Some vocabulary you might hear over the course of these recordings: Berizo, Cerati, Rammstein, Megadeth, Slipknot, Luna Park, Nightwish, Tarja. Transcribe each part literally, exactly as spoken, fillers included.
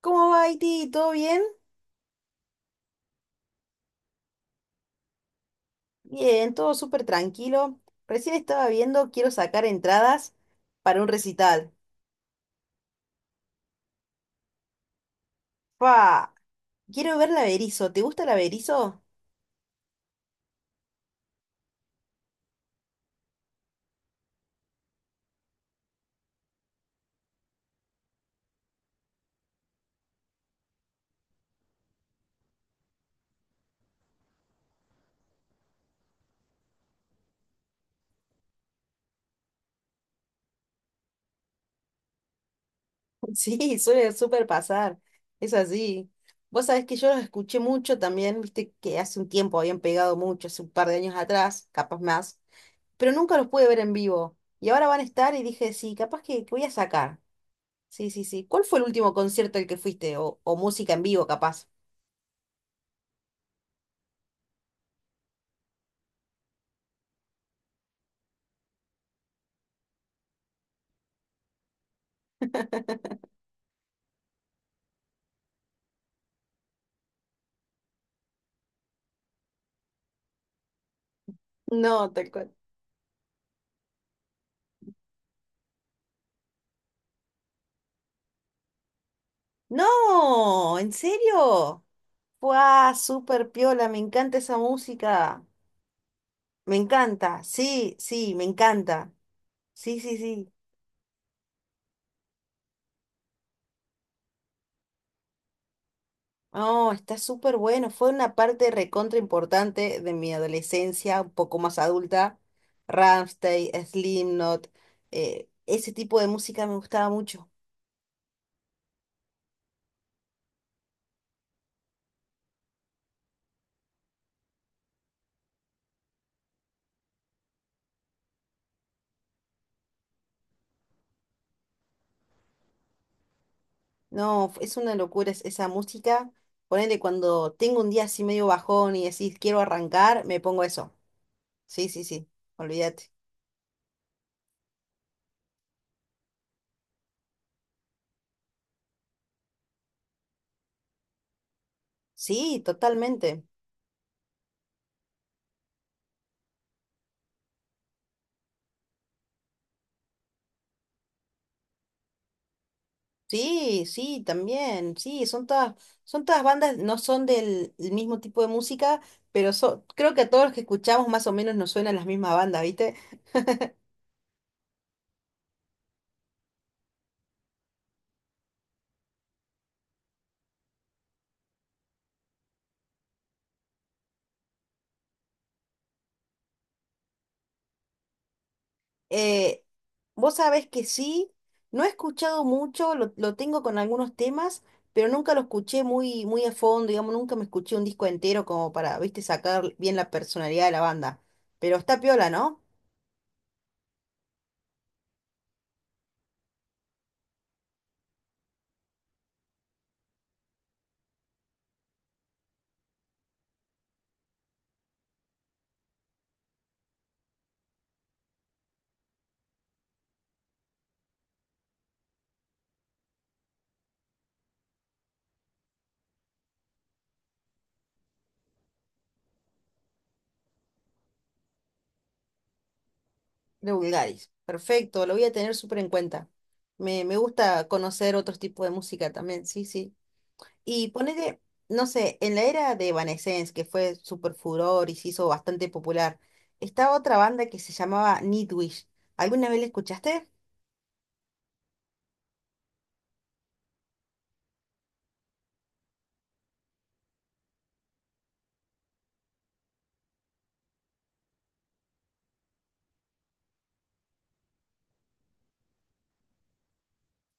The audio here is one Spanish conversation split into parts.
¿Cómo va, Haití? ¿Todo bien? Bien, todo súper tranquilo. Recién estaba viendo, quiero sacar entradas para un recital. ¡Fa! Quiero ver la Berizo. ¿Te gusta la Berizo? Sí, suele súper pasar. Es así. Vos sabés que yo los escuché mucho también, viste que hace un tiempo habían pegado mucho, hace un par de años atrás, capaz más, pero nunca los pude ver en vivo. Y ahora van a estar y dije, sí, capaz que, que voy a sacar. Sí, sí, sí. ¿Cuál fue el último concierto al que fuiste? O, o música en vivo, capaz. No, tal cual. No, ¿en serio? ¡Guau! Súper piola, me encanta esa música. Me encanta, sí, sí, me encanta. Sí, sí, sí. No, está súper bueno. Fue una parte recontra importante de mi adolescencia, un poco más adulta. Rammstein, Slipknot, eh, ese tipo de música me gustaba mucho. No, f- es una locura es- esa música. Ponele cuando tengo un día así medio bajón y decís quiero arrancar, me pongo eso. Sí, sí, sí, olvídate. Sí, totalmente. Sí, sí, también. Sí, son todas, son todas bandas, no son del el mismo tipo de música, pero so- creo que a todos los que escuchamos más o menos nos suenan las mismas bandas, ¿viste? Eh, vos sabés que sí, no he escuchado mucho, lo, lo tengo con algunos temas, pero nunca lo escuché muy, muy a fondo, digamos, nunca me escuché un disco entero como para, ¿viste? Sacar bien la personalidad de la banda. Pero está piola, ¿no? De Bulgaris. Perfecto, lo voy a tener súper en cuenta. Me, me gusta conocer otros tipos de música también, sí, sí. Y ponele, no sé, en la era de Evanescence, que fue súper furor y se hizo bastante popular, estaba otra banda que se llamaba Nightwish. ¿Alguna vez la escuchaste?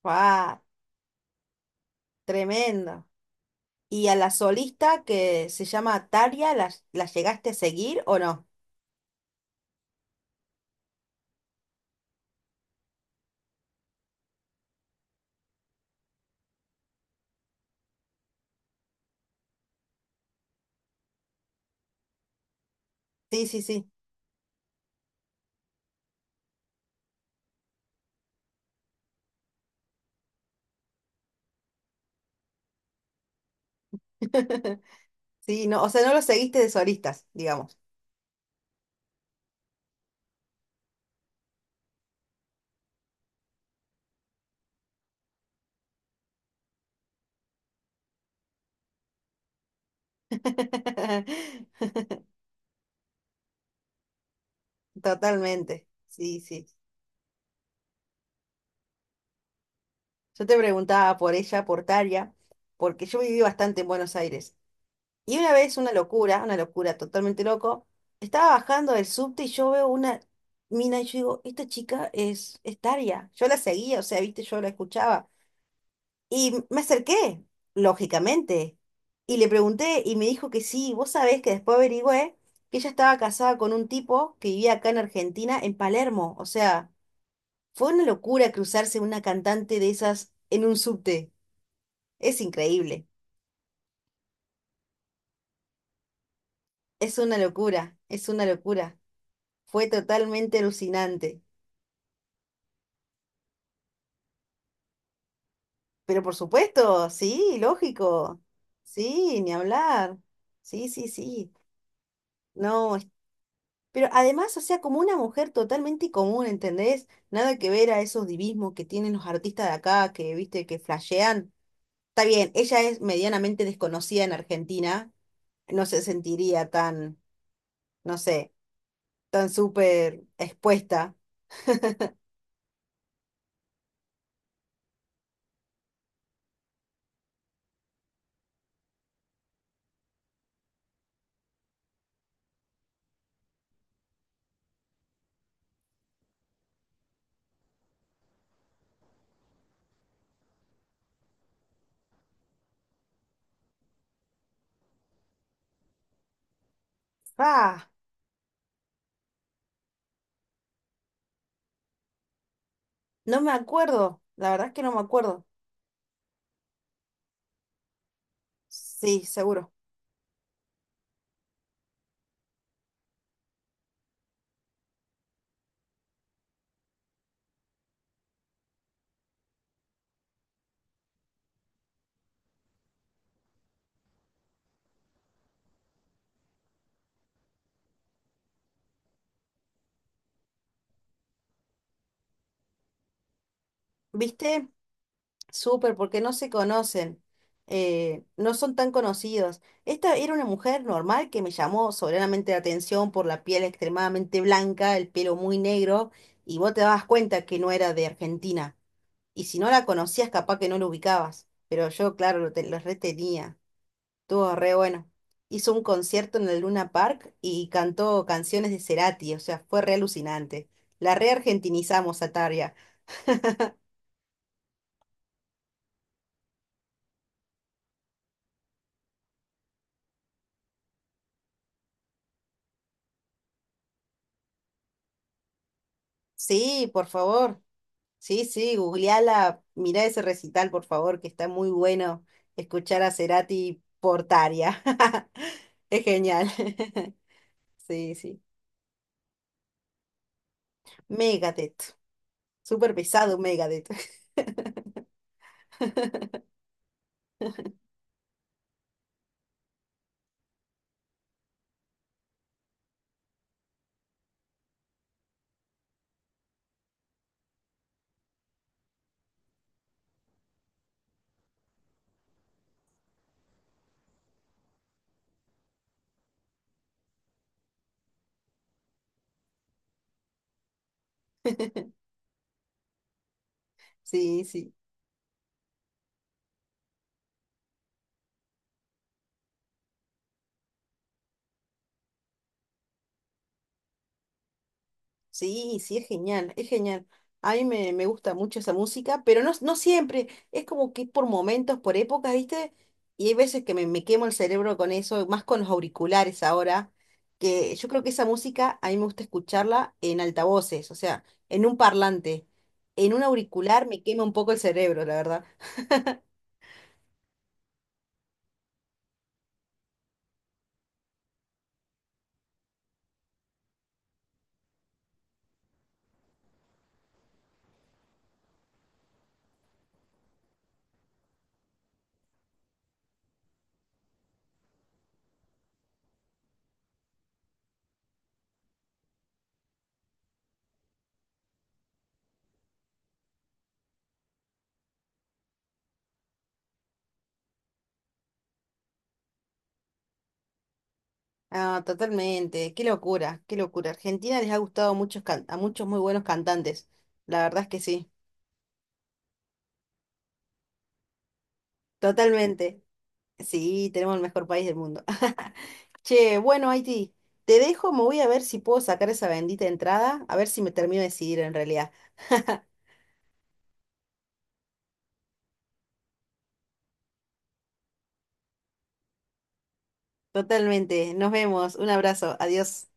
¡Wow! Tremendo. ¿Y a la solista que se llama Tarja, la, la llegaste a seguir o no? Sí, sí, sí. Sí, no, o sea, no lo seguiste de solistas, digamos. Totalmente, sí, sí. Yo te preguntaba por ella, por Taria, porque yo viví bastante en Buenos Aires. Y una vez, una locura, una locura totalmente loco, estaba bajando del subte y yo veo una mina y yo digo, esta chica es, es Taria. Yo la seguía, o sea, viste, yo la escuchaba. Y m- me acerqué, lógicamente, y le pregunté y me dijo que sí. Vos sabés que después averigüé que ella estaba casada con un tipo que vivía acá en Argentina, en Palermo, o sea... Fue una locura cruzarse una cantante de esas en un subte. Es increíble. Es una locura, es una locura. Fue totalmente alucinante. Pero por supuesto, sí, lógico. Sí, ni hablar. Sí, sí, sí. No, es- pero además, o sea, como una mujer totalmente común, ¿entendés? Nada que ver a esos divismos que tienen los artistas de acá, que, viste, que flashean. Está bien, ella es medianamente desconocida en Argentina. No se sentiría tan, no sé tan súper expuesta. Ah, no me acuerdo, la verdad es que no me acuerdo. Sí, seguro. ¿Viste? Súper, porque no se conocen, eh, no son tan conocidos. Esta era una mujer normal que me llamó soberanamente la atención por la piel extremadamente blanca, el pelo muy negro, y vos te dabas cuenta que no era de Argentina. Y si no la conocías, capaz que no lo ubicabas. Pero yo, claro, lo, te- lo retenía. Estuvo re bueno. Hizo un concierto en el Luna Park y cantó canciones de Cerati, o sea, fue re alucinante. La reargentinizamos a Tarja. Sí, por favor. Sí, sí, googleala, mirá ese recital, por favor, que está muy bueno escuchar a Cerati por Tarja. Es genial. Sí, sí. Megadeth. Súper pesado Megadeth. Sí, sí. Sí, sí, es genial, es genial. A mí me, me gusta mucho esa música, pero no, no siempre. Es como que por momentos, por épocas, ¿viste? Y hay veces que me, me quemo el cerebro con eso, más con los auriculares ahora, que yo creo que esa música a mí me gusta escucharla en altavoces, o sea, en un parlante. En un auricular me quema un poco el cerebro, la verdad. Ah, totalmente. Qué locura, qué locura. Argentina les ha gustado a muchos, can- a muchos muy buenos cantantes. La verdad es que sí, totalmente. Sí, tenemos el mejor país del mundo. Che, bueno, Haití, te dejo, me voy a ver si puedo sacar esa bendita entrada, a ver si me termino de decidir en realidad. Totalmente, nos vemos, un abrazo, adiós.